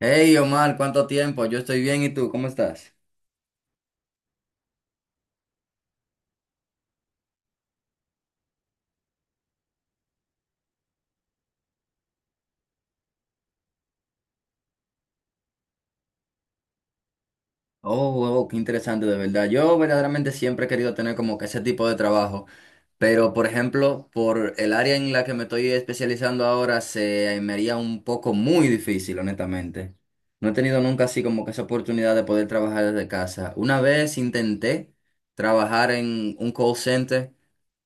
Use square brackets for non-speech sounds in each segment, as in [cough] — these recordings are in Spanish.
Hey Omar, ¿cuánto tiempo? Yo estoy bien, ¿y tú? ¿Cómo estás? Oh, oh, qué interesante, de verdad. Yo verdaderamente siempre he querido tener como que ese tipo de trabajo, pero por ejemplo, por el área en la que me estoy especializando ahora se me haría un poco muy difícil, honestamente. No he tenido nunca así como que esa oportunidad de poder trabajar desde casa. Una vez intenté trabajar en un call center,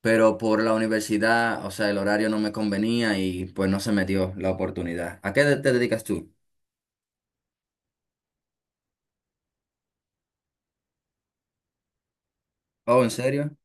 pero por la universidad, o sea, el horario no me convenía y pues no se me dio la oportunidad. ¿A qué te dedicas tú? Oh, ¿en serio?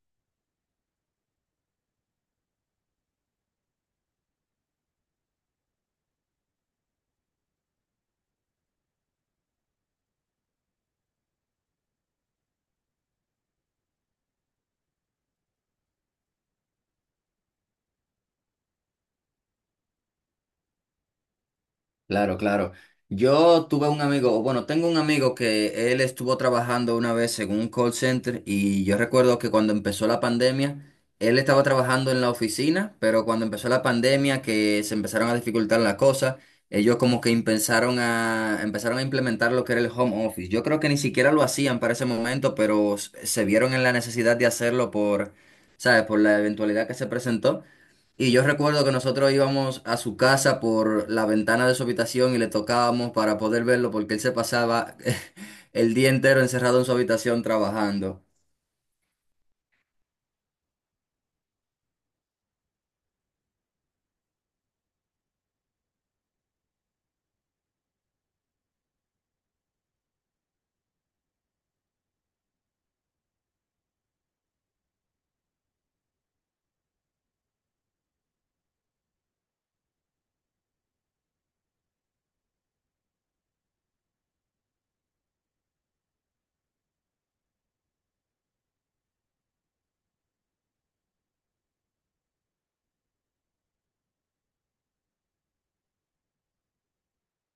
Claro, claro. Yo tuve un amigo, o bueno, tengo un amigo que él estuvo trabajando una vez en un call center y yo recuerdo que cuando empezó la pandemia, él estaba trabajando en la oficina, pero cuando empezó la pandemia que se empezaron a dificultar las cosas, ellos como que empezaron a implementar lo que era el home office. Yo creo que ni siquiera lo hacían para ese momento, pero se vieron en la necesidad de hacerlo por, ¿sabes? Por la eventualidad que se presentó. Y yo recuerdo que nosotros íbamos a su casa por la ventana de su habitación y le tocábamos para poder verlo porque él se pasaba [laughs] el día entero encerrado en su habitación trabajando.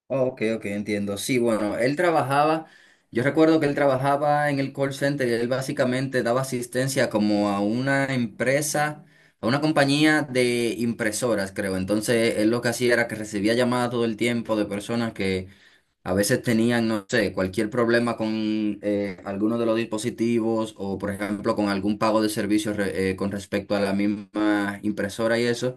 Oh, ok, ok, entiendo. Sí, bueno, él trabajaba, yo recuerdo que él trabajaba en el call center y él básicamente daba asistencia como a una empresa, a una compañía de impresoras, creo. Entonces, él lo que hacía era que recibía llamadas todo el tiempo de personas que a veces tenían, no sé, cualquier problema con alguno de los dispositivos o, por ejemplo, con algún pago de servicios con respecto a la misma impresora y eso.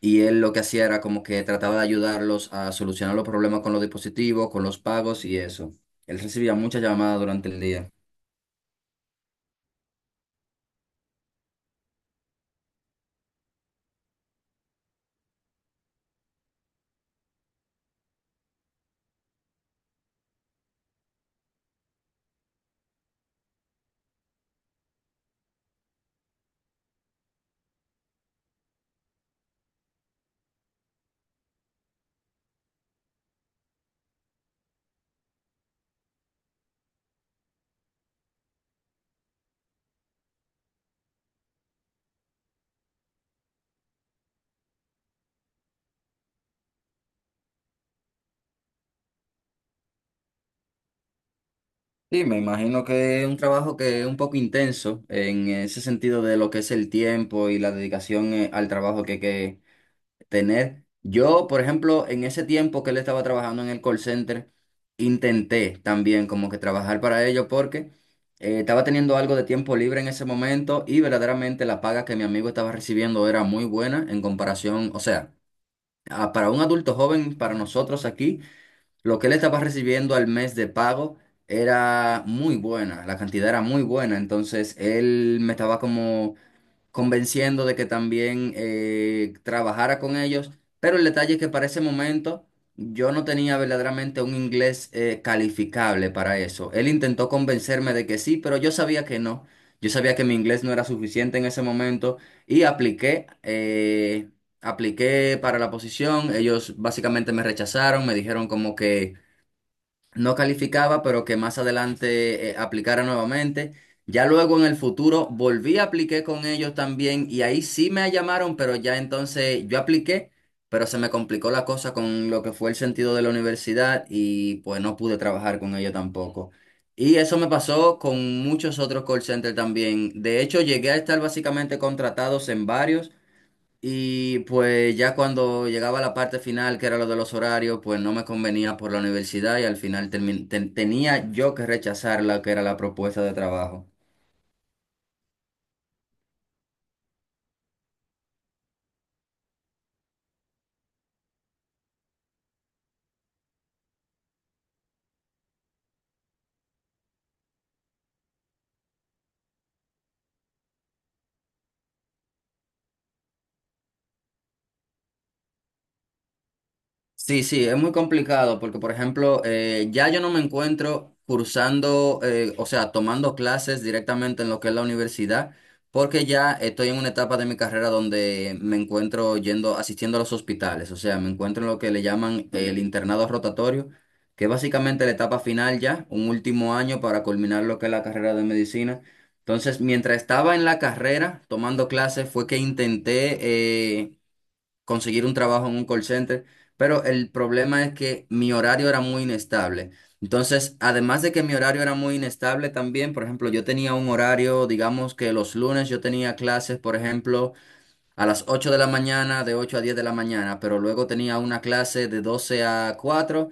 Y él lo que hacía era como que trataba de ayudarlos a solucionar los problemas con los dispositivos, con los pagos y eso. Él recibía muchas llamadas durante el día. Sí, me imagino que es un trabajo que es un poco intenso en ese sentido de lo que es el tiempo y la dedicación al trabajo que tener. Yo, por ejemplo, en ese tiempo que él estaba trabajando en el call center, intenté también como que trabajar para ello porque estaba teniendo algo de tiempo libre en ese momento y verdaderamente la paga que mi amigo estaba recibiendo era muy buena en comparación, o sea, para un adulto joven, para nosotros aquí, lo que él estaba recibiendo al mes de pago era muy buena, la cantidad era muy buena, entonces él me estaba como convenciendo de que también trabajara con ellos. Pero el detalle es que para ese momento yo no tenía verdaderamente un inglés calificable para eso. Él intentó convencerme de que sí, pero yo sabía que no. Yo sabía que mi inglés no era suficiente en ese momento y apliqué, apliqué para la posición. Ellos básicamente me rechazaron, me dijeron como que no calificaba, pero que más adelante aplicara nuevamente. Ya luego en el futuro volví a apliqué con ellos también y ahí sí me llamaron, pero ya entonces yo apliqué, pero se me complicó la cosa con lo que fue el sentido de la universidad y pues no pude trabajar con ellos tampoco. Y eso me pasó con muchos otros call centers también. De hecho, llegué a estar básicamente contratados en varios. Y pues ya cuando llegaba la parte final, que era lo de los horarios, pues no me convenía por la universidad y al final tenía yo que rechazar la que era la propuesta de trabajo. Sí, sí, es muy complicado porque, por ejemplo, ya yo no me encuentro cursando, o sea, tomando clases directamente en lo que es la universidad, porque ya estoy en una etapa de mi carrera donde me encuentro yendo, asistiendo a los hospitales, o sea, me encuentro en lo que le llaman el internado rotatorio, que es básicamente la etapa final ya, un último año para culminar lo que es la carrera de medicina. Entonces, mientras estaba en la carrera tomando clases, fue que intenté... eh, conseguir un trabajo en un call center, pero el problema es que mi horario era muy inestable. Entonces, además de que mi horario era muy inestable también, por ejemplo, yo tenía un horario, digamos que los lunes yo tenía clases, por ejemplo, a las 8 de la mañana, de 8 a 10 de la mañana, pero luego tenía una clase de 12 a 4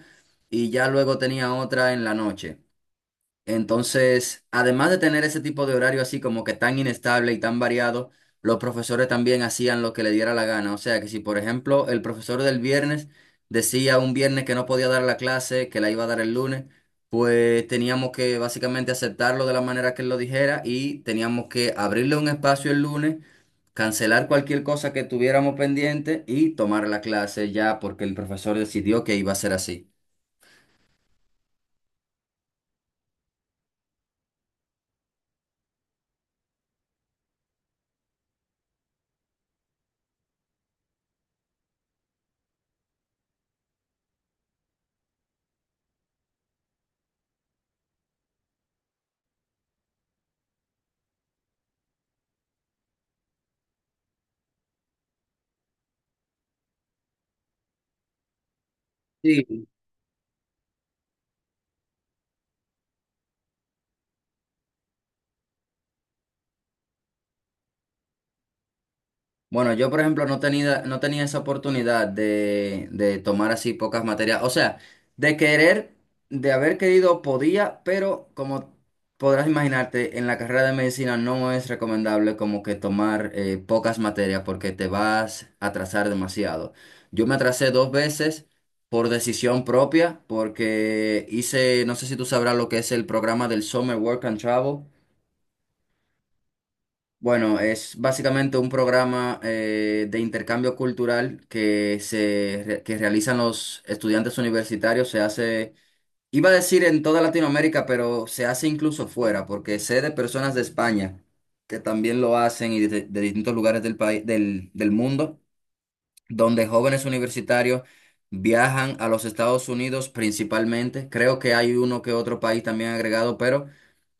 y ya luego tenía otra en la noche. Entonces, además de tener ese tipo de horario así como que tan inestable y tan variado, los profesores también hacían lo que le diera la gana. O sea que si, por ejemplo, el profesor del viernes decía un viernes que no podía dar la clase, que la iba a dar el lunes, pues teníamos que básicamente aceptarlo de la manera que él lo dijera y teníamos que abrirle un espacio el lunes, cancelar cualquier cosa que tuviéramos pendiente y tomar la clase ya porque el profesor decidió que iba a ser así. Sí. Bueno, yo por ejemplo no tenía esa oportunidad de tomar así pocas materias. O sea, de querer, de haber querido podía, pero como podrás imaginarte, en la carrera de medicina no es recomendable como que tomar pocas materias porque te vas a atrasar demasiado. Yo me atrasé dos veces por decisión propia porque hice, no sé si tú sabrás lo que es el programa del Summer Work and Travel. Bueno, es básicamente un programa de intercambio cultural que que realizan los estudiantes universitarios. Se hace, iba a decir en toda Latinoamérica, pero se hace incluso fuera, porque sé de personas de España que también lo hacen y de distintos lugares del país, del mundo, donde jóvenes universitarios viajan a los Estados Unidos principalmente. Creo que hay uno que otro país también agregado, pero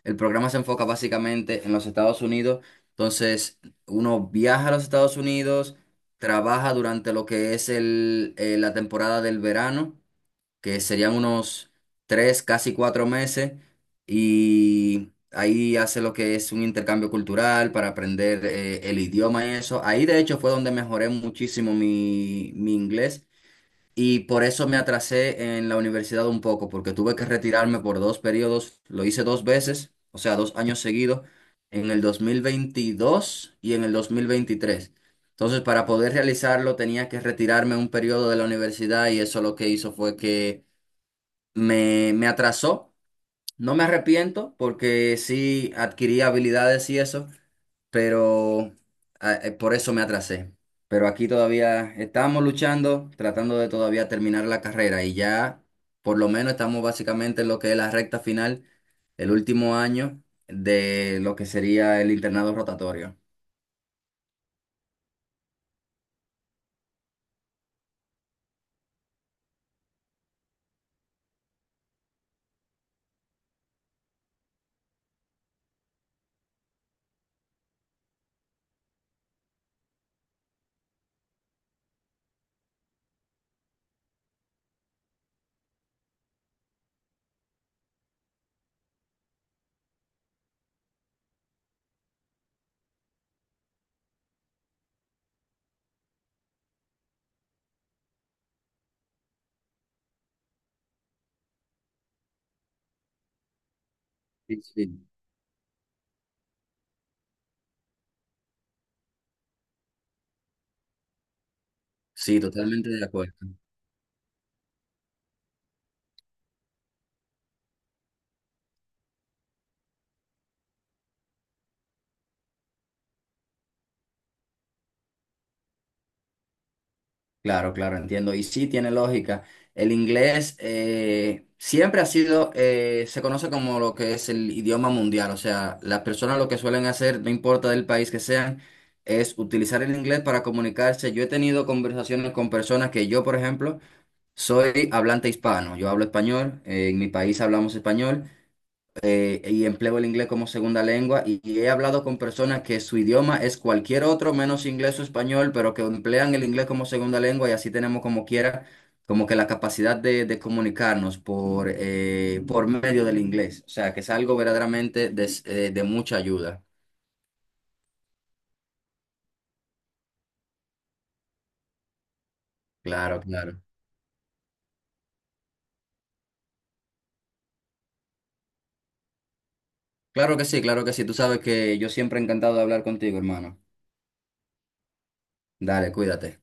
el programa se enfoca básicamente en los Estados Unidos. Entonces, uno viaja a los Estados Unidos, trabaja durante lo que es la temporada del verano, que serían unos tres, casi cuatro meses, y ahí hace lo que es un intercambio cultural para aprender el idioma y eso. Ahí, de hecho, fue donde mejoré muchísimo mi inglés. Y por eso me atrasé en la universidad un poco, porque tuve que retirarme por dos periodos. Lo hice dos veces, o sea, dos años seguidos, en el 2022 y en el 2023. Entonces, para poder realizarlo, tenía que retirarme un periodo de la universidad y eso lo que hizo fue que me atrasó. No me arrepiento porque sí adquirí habilidades y eso, pero por eso me atrasé. Pero aquí todavía estamos luchando, tratando de todavía terminar la carrera y ya por lo menos estamos básicamente en lo que es la recta final, el último año de lo que sería el internado rotatorio. Sí, sí. Sí, totalmente de acuerdo. Claro, claro, entiendo. Y sí, tiene lógica. El inglés siempre ha sido, se conoce como lo que es el idioma mundial. O sea, las personas lo que suelen hacer, no importa del país que sean, es utilizar el inglés para comunicarse. Yo he tenido conversaciones con personas que yo, por ejemplo, soy hablante hispano. Yo hablo español, en mi país hablamos español y empleo el inglés como segunda lengua y he hablado con personas que su idioma es cualquier otro menos inglés o español, pero que emplean el inglés como segunda lengua y así tenemos como quiera, como que la capacidad de comunicarnos por medio del inglés. O sea, que es algo verdaderamente de mucha ayuda. Claro, claro. Claro que sí, claro que sí. Tú sabes que yo siempre he encantado de hablar contigo, hermano. Dale, cuídate.